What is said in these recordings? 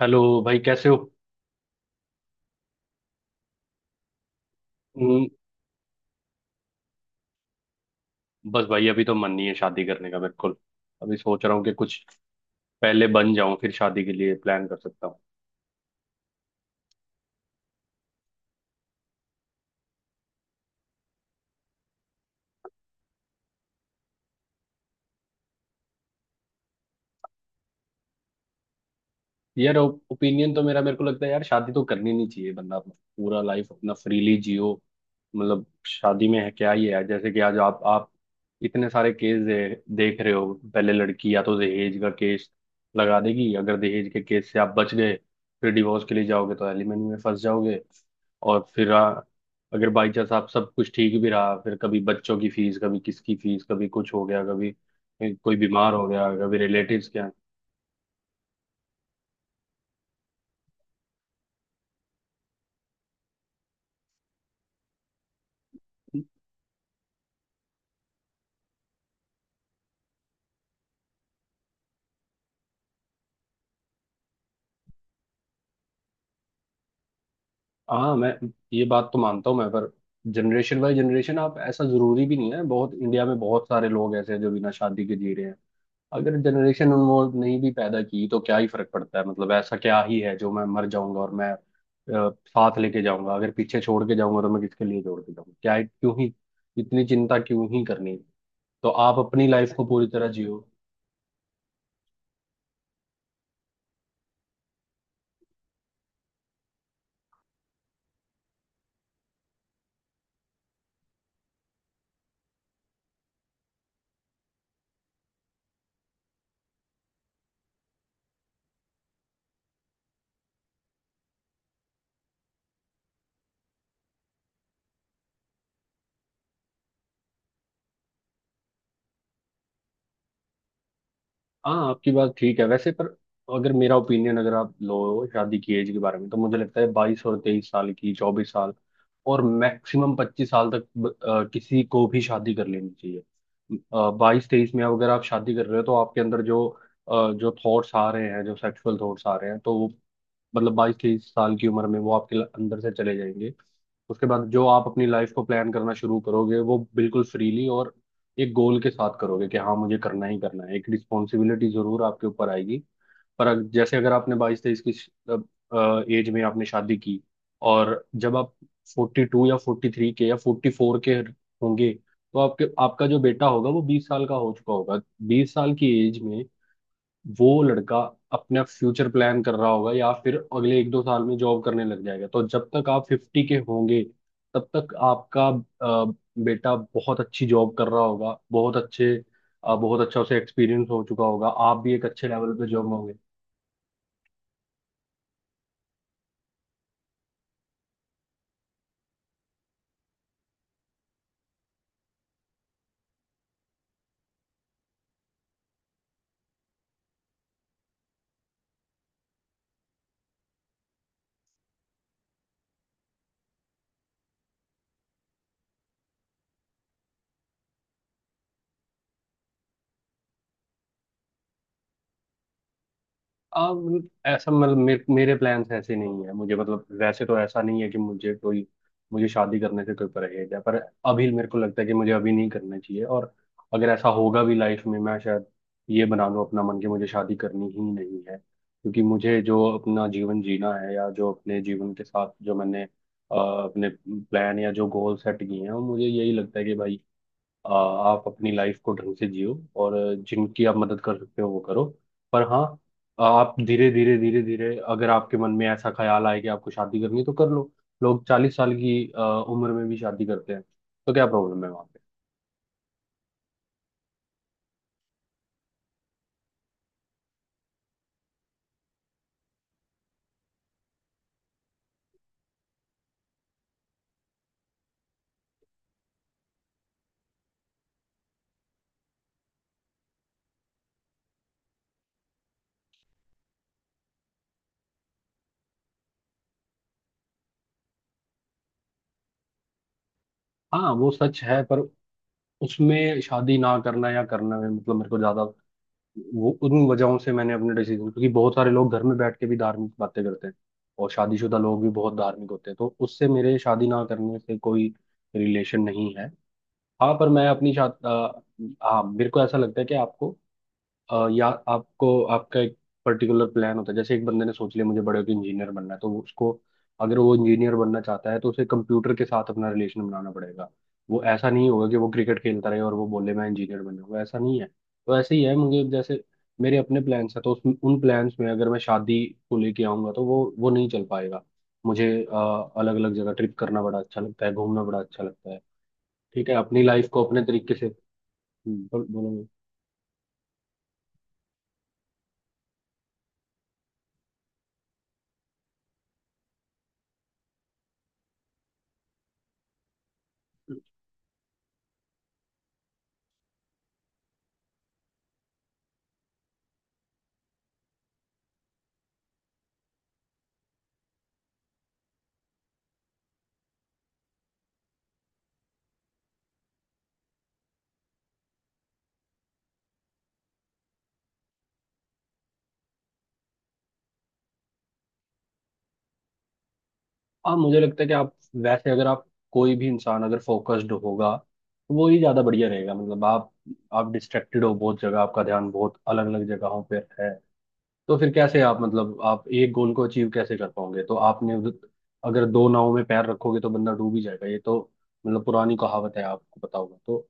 Hello भाई, कैसे हो? हम्म। बस भाई, अभी तो मन नहीं है शादी करने का बिल्कुल। अभी सोच रहा हूँ कि कुछ पहले बन जाऊं, फिर शादी के लिए प्लान कर सकता हूँ। यार ओपिनियन तो मेरा, मेरे को लगता है यार शादी तो करनी नहीं चाहिए, बंदा अपना पूरा लाइफ अपना फ्रीली जियो। मतलब शादी में है क्या ही है? जैसे कि आज आप इतने सारे केस देख रहे हो। पहले लड़की या तो दहेज का केस लगा देगी, अगर दहेज के केस से आप बच गए, फिर डिवोर्स के लिए जाओगे तो एलिमनी में फंस जाओगे। और फिर अगर बाई चांस आप सब कुछ ठीक भी रहा, फिर कभी बच्चों की फीस, कभी किसकी फीस, कभी कुछ हो गया, कभी कोई बीमार हो गया, कभी रिलेटिव्स के यहाँ। हाँ मैं ये बात तो मानता हूँ मैं, पर जनरेशन बाय जनरेशन आप ऐसा जरूरी भी नहीं है। बहुत इंडिया में बहुत सारे लोग ऐसे हैं जो बिना शादी के जी रहे हैं। अगर जनरेशन वो नहीं भी पैदा की तो क्या ही फर्क पड़ता है? मतलब ऐसा क्या ही है जो मैं मर जाऊंगा और मैं साथ लेके जाऊंगा? अगर पीछे छोड़ के जाऊंगा तो मैं किसके लिए छोड़ के जाऊंगा? क्यों ही इतनी चिंता क्यों ही करनी? तो आप अपनी लाइफ को पूरी तरह जियो। हाँ आपकी बात ठीक है वैसे, पर अगर मेरा ओपिनियन अगर आप लो शादी की एज के बारे में, तो मुझे लगता है 22 और 23 साल की, 24 साल और मैक्सिमम 25 साल तक किसी को भी शादी कर लेनी चाहिए। 22 23 में अगर आप शादी कर रहे हो तो आपके अंदर जो थॉट्स आ रहे हैं, जो सेक्सुअल थॉट्स आ रहे हैं, तो वो मतलब 22 23 साल की उम्र में वो आपके अंदर से चले जाएंगे। उसके बाद जो आप अपनी लाइफ को प्लान करना शुरू करोगे, वो बिल्कुल फ्रीली और एक गोल के साथ करोगे कि हाँ मुझे करना ही करना है। एक रिस्पॉन्सिबिलिटी जरूर आपके ऊपर आएगी। पर जैसे अगर आपने 22 23 की एज में आपने शादी की, और जब आप 42 या 43 के या 44 के होंगे, तो आपके आपका जो बेटा होगा वो 20 साल का हो चुका होगा। 20 साल की एज में वो लड़का अपना फ्यूचर प्लान कर रहा होगा, या फिर अगले एक दो साल में जॉब करने लग जाएगा। तो जब तक आप 50 के होंगे, तब तक आपका बेटा बहुत अच्छी जॉब कर रहा होगा, बहुत अच्छा उसे एक्सपीरियंस हो चुका होगा, आप भी एक अच्छे लेवल पे जॉब में होंगे। मतलब ऐसा मतलब मेरे प्लान्स ऐसे नहीं है, मुझे मतलब वैसे तो ऐसा नहीं है कि मुझे कोई मुझे शादी करने से कोई परहेज है, पर अभी मेरे को लगता है कि मुझे अभी नहीं करना चाहिए। और अगर ऐसा होगा भी लाइफ में, मैं शायद ये बना लूं अपना मन कि मुझे शादी करनी ही नहीं है, क्योंकि मुझे जो अपना जीवन जीना है, या जो अपने जीवन के साथ जो मैंने अपने प्लान या जो गोल सेट किए हैं, वो मुझे यही लगता है कि भाई आप अपनी लाइफ को ढंग से जियो, और जिनकी आप मदद कर सकते हो वो करो। पर हाँ, आप धीरे धीरे धीरे धीरे अगर आपके मन में ऐसा ख्याल आए कि आपको शादी करनी है तो कर लो। लोग 40 साल की उम्र में भी शादी करते हैं, तो क्या प्रॉब्लम है वहां पे? हाँ वो सच है, पर उसमें शादी ना करना या करना में मतलब मेरे को ज्यादा वो उन वजहों से मैंने अपने डिसीजन, क्योंकि बहुत सारे लोग घर में बैठ के भी धार्मिक बातें करते हैं, और शादीशुदा लोग भी बहुत धार्मिक होते हैं, तो उससे मेरे शादी ना करने से कोई रिलेशन नहीं है। हाँ पर मैं अपनी छात्र। हाँ मेरे को ऐसा लगता है कि आपको या आपको आपका एक पर्टिकुलर प्लान होता है। जैसे एक बंदे ने सोच लिया मुझे बड़े होकर इंजीनियर बनना है, तो उसको अगर वो इंजीनियर बनना चाहता है तो उसे कंप्यूटर के साथ अपना रिलेशन बनाना पड़ेगा। वो ऐसा नहीं होगा कि वो क्रिकेट खेलता रहे और वो बोले मैं इंजीनियर बनूंगा, ऐसा नहीं है। तो ऐसे ही है मुझे, जैसे मेरे अपने प्लान्स हैं, तो उस उन प्लान्स में अगर मैं शादी को लेके आऊंगा तो वो नहीं चल पाएगा। मुझे अलग अलग जगह ट्रिप करना बड़ा अच्छा लगता है, घूमना बड़ा अच्छा लगता है। ठीक है अपनी लाइफ को अपने तरीके से बोलूंगा। आप मुझे लगता है कि आप, वैसे अगर आप, कोई भी इंसान अगर फोकस्ड होगा तो वो ही ज्यादा बढ़िया रहेगा। मतलब आप डिस्ट्रैक्टेड हो बहुत जगह, आपका ध्यान बहुत अलग अलग जगहों पर है, तो फिर कैसे आप, मतलब आप एक गोल को अचीव कैसे कर पाओगे? तो आपने अगर दो नावों में पैर रखोगे तो बंदा डूब ही जाएगा, ये तो मतलब पुरानी कहावत है आपको पता होगा। तो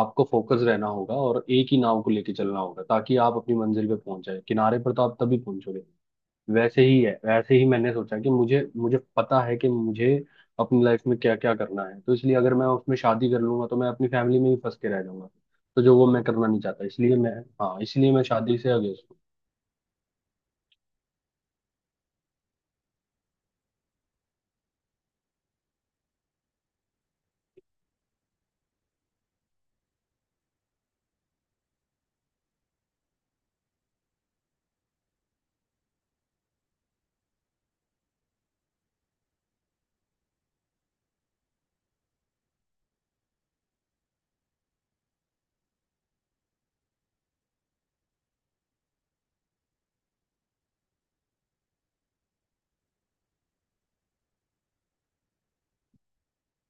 आपको फोकस रहना होगा और एक ही नाव को लेके चलना होगा ताकि आप अपनी मंजिल पे पहुंच जाए, किनारे पर तो आप तभी पहुंचोगे। वैसे ही है, वैसे ही मैंने सोचा कि मुझे मुझे पता है कि मुझे अपनी लाइफ में क्या क्या करना है। तो इसलिए अगर मैं उसमें शादी कर लूंगा तो मैं अपनी फैमिली में ही फंस के रह जाऊंगा, तो जो वो मैं करना नहीं चाहता, इसलिए मैं, हाँ इसलिए मैं शादी से अगेंस्ट।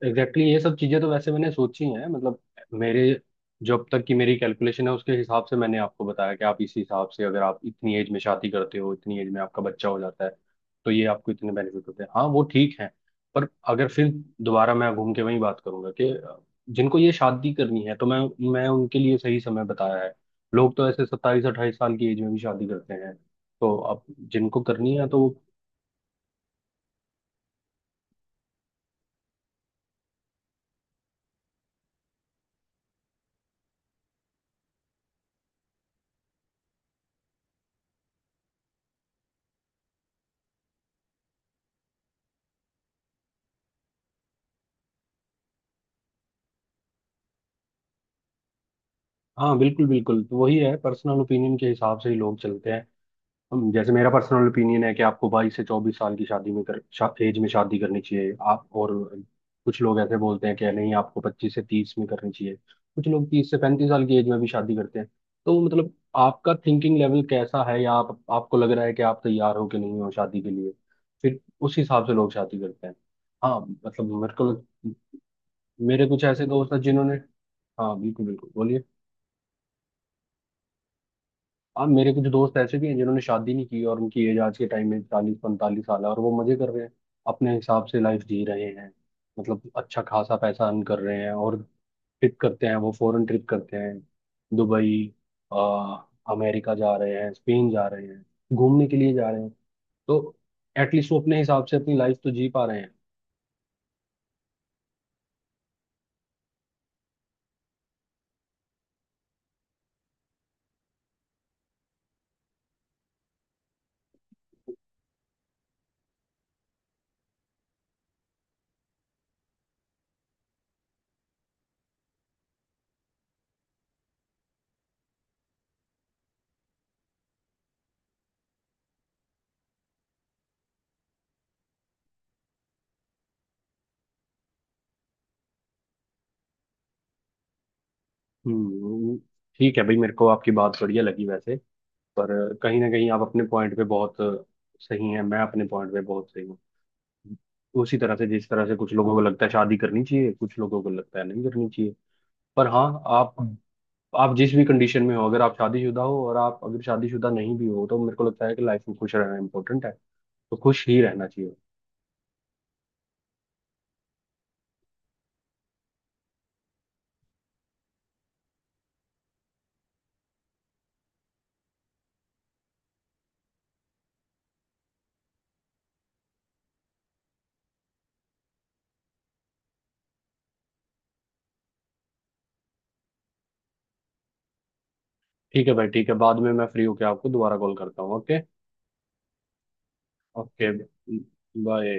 एग्जैक्टली exactly, ये सब चीजें तो वैसे मैंने सोची हैं। मतलब मेरे जो अब तक की मेरी कैलकुलेशन है, उसके हिसाब से मैंने आपको बताया कि आप इसी हिसाब से अगर आप इतनी एज में शादी करते हो, इतनी एज में आपका बच्चा हो जाता है, तो ये आपको इतने बेनिफिट होते हैं। हाँ वो ठीक है। पर अगर फिर दोबारा मैं घूम के वही बात करूंगा कि जिनको ये शादी करनी है, तो मैं उनके लिए सही समय बताया है। लोग तो ऐसे 27 28 साल की एज में भी शादी करते हैं, तो अब जिनको करनी है तो। हाँ बिल्कुल बिल्कुल, तो वही है पर्सनल ओपिनियन के हिसाब से ही लोग चलते हैं। हम जैसे मेरा पर्सनल ओपिनियन है कि आपको 22 से 24 साल की शादी में एज में शादी करनी चाहिए। आप और कुछ लोग ऐसे बोलते हैं कि नहीं आपको 25 से 30 में करनी चाहिए। कुछ लोग 30 से 35 साल की एज में भी शादी करते हैं। तो मतलब आपका थिंकिंग लेवल कैसा है, या आप, आपको लग रहा है कि आप तैयार हो कि नहीं हो शादी के लिए, फिर उस हिसाब से लोग शादी करते हैं। हाँ मतलब मेरे को, मेरे कुछ ऐसे दोस्त हैं जिन्होंने, हाँ बिल्कुल बिल्कुल बोलिए। अब मेरे कुछ दोस्त ऐसे भी हैं जिन्होंने शादी नहीं की और उनकी एज आज के टाइम में 40 45 साल है, और वो मजे कर रहे हैं, अपने हिसाब से लाइफ जी रहे हैं। मतलब अच्छा खासा पैसा अर्न कर रहे हैं, और ट्रिप करते हैं, वो फॉरेन ट्रिप करते हैं। दुबई, आ, अमेरिका जा रहे हैं, स्पेन जा रहे हैं, घूमने के लिए जा रहे हैं, तो एटलीस्ट वो अपने हिसाब से अपनी लाइफ तो जी पा रहे हैं। हम्म। ठीक है भाई, मेरे को आपकी बात बढ़िया लगी वैसे, पर कहीं ना कहीं आप अपने पॉइंट पे बहुत सही हैं, मैं अपने पॉइंट पे बहुत सही हूँ। उसी तरह से जिस तरह से कुछ लोगों को लगता है शादी करनी चाहिए, कुछ लोगों को लगता है नहीं करनी चाहिए। पर हाँ आप, आप जिस भी कंडीशन में हो, अगर आप शादीशुदा हो और आप अगर शादीशुदा नहीं भी हो, तो मेरे को लगता है कि लाइफ में खुश रहना इंपॉर्टेंट है, तो खुश ही रहना चाहिए। ठीक है भाई, ठीक है, बाद में मैं फ्री होके आपको दोबारा कॉल करता हूँ। ओके। Okay bye.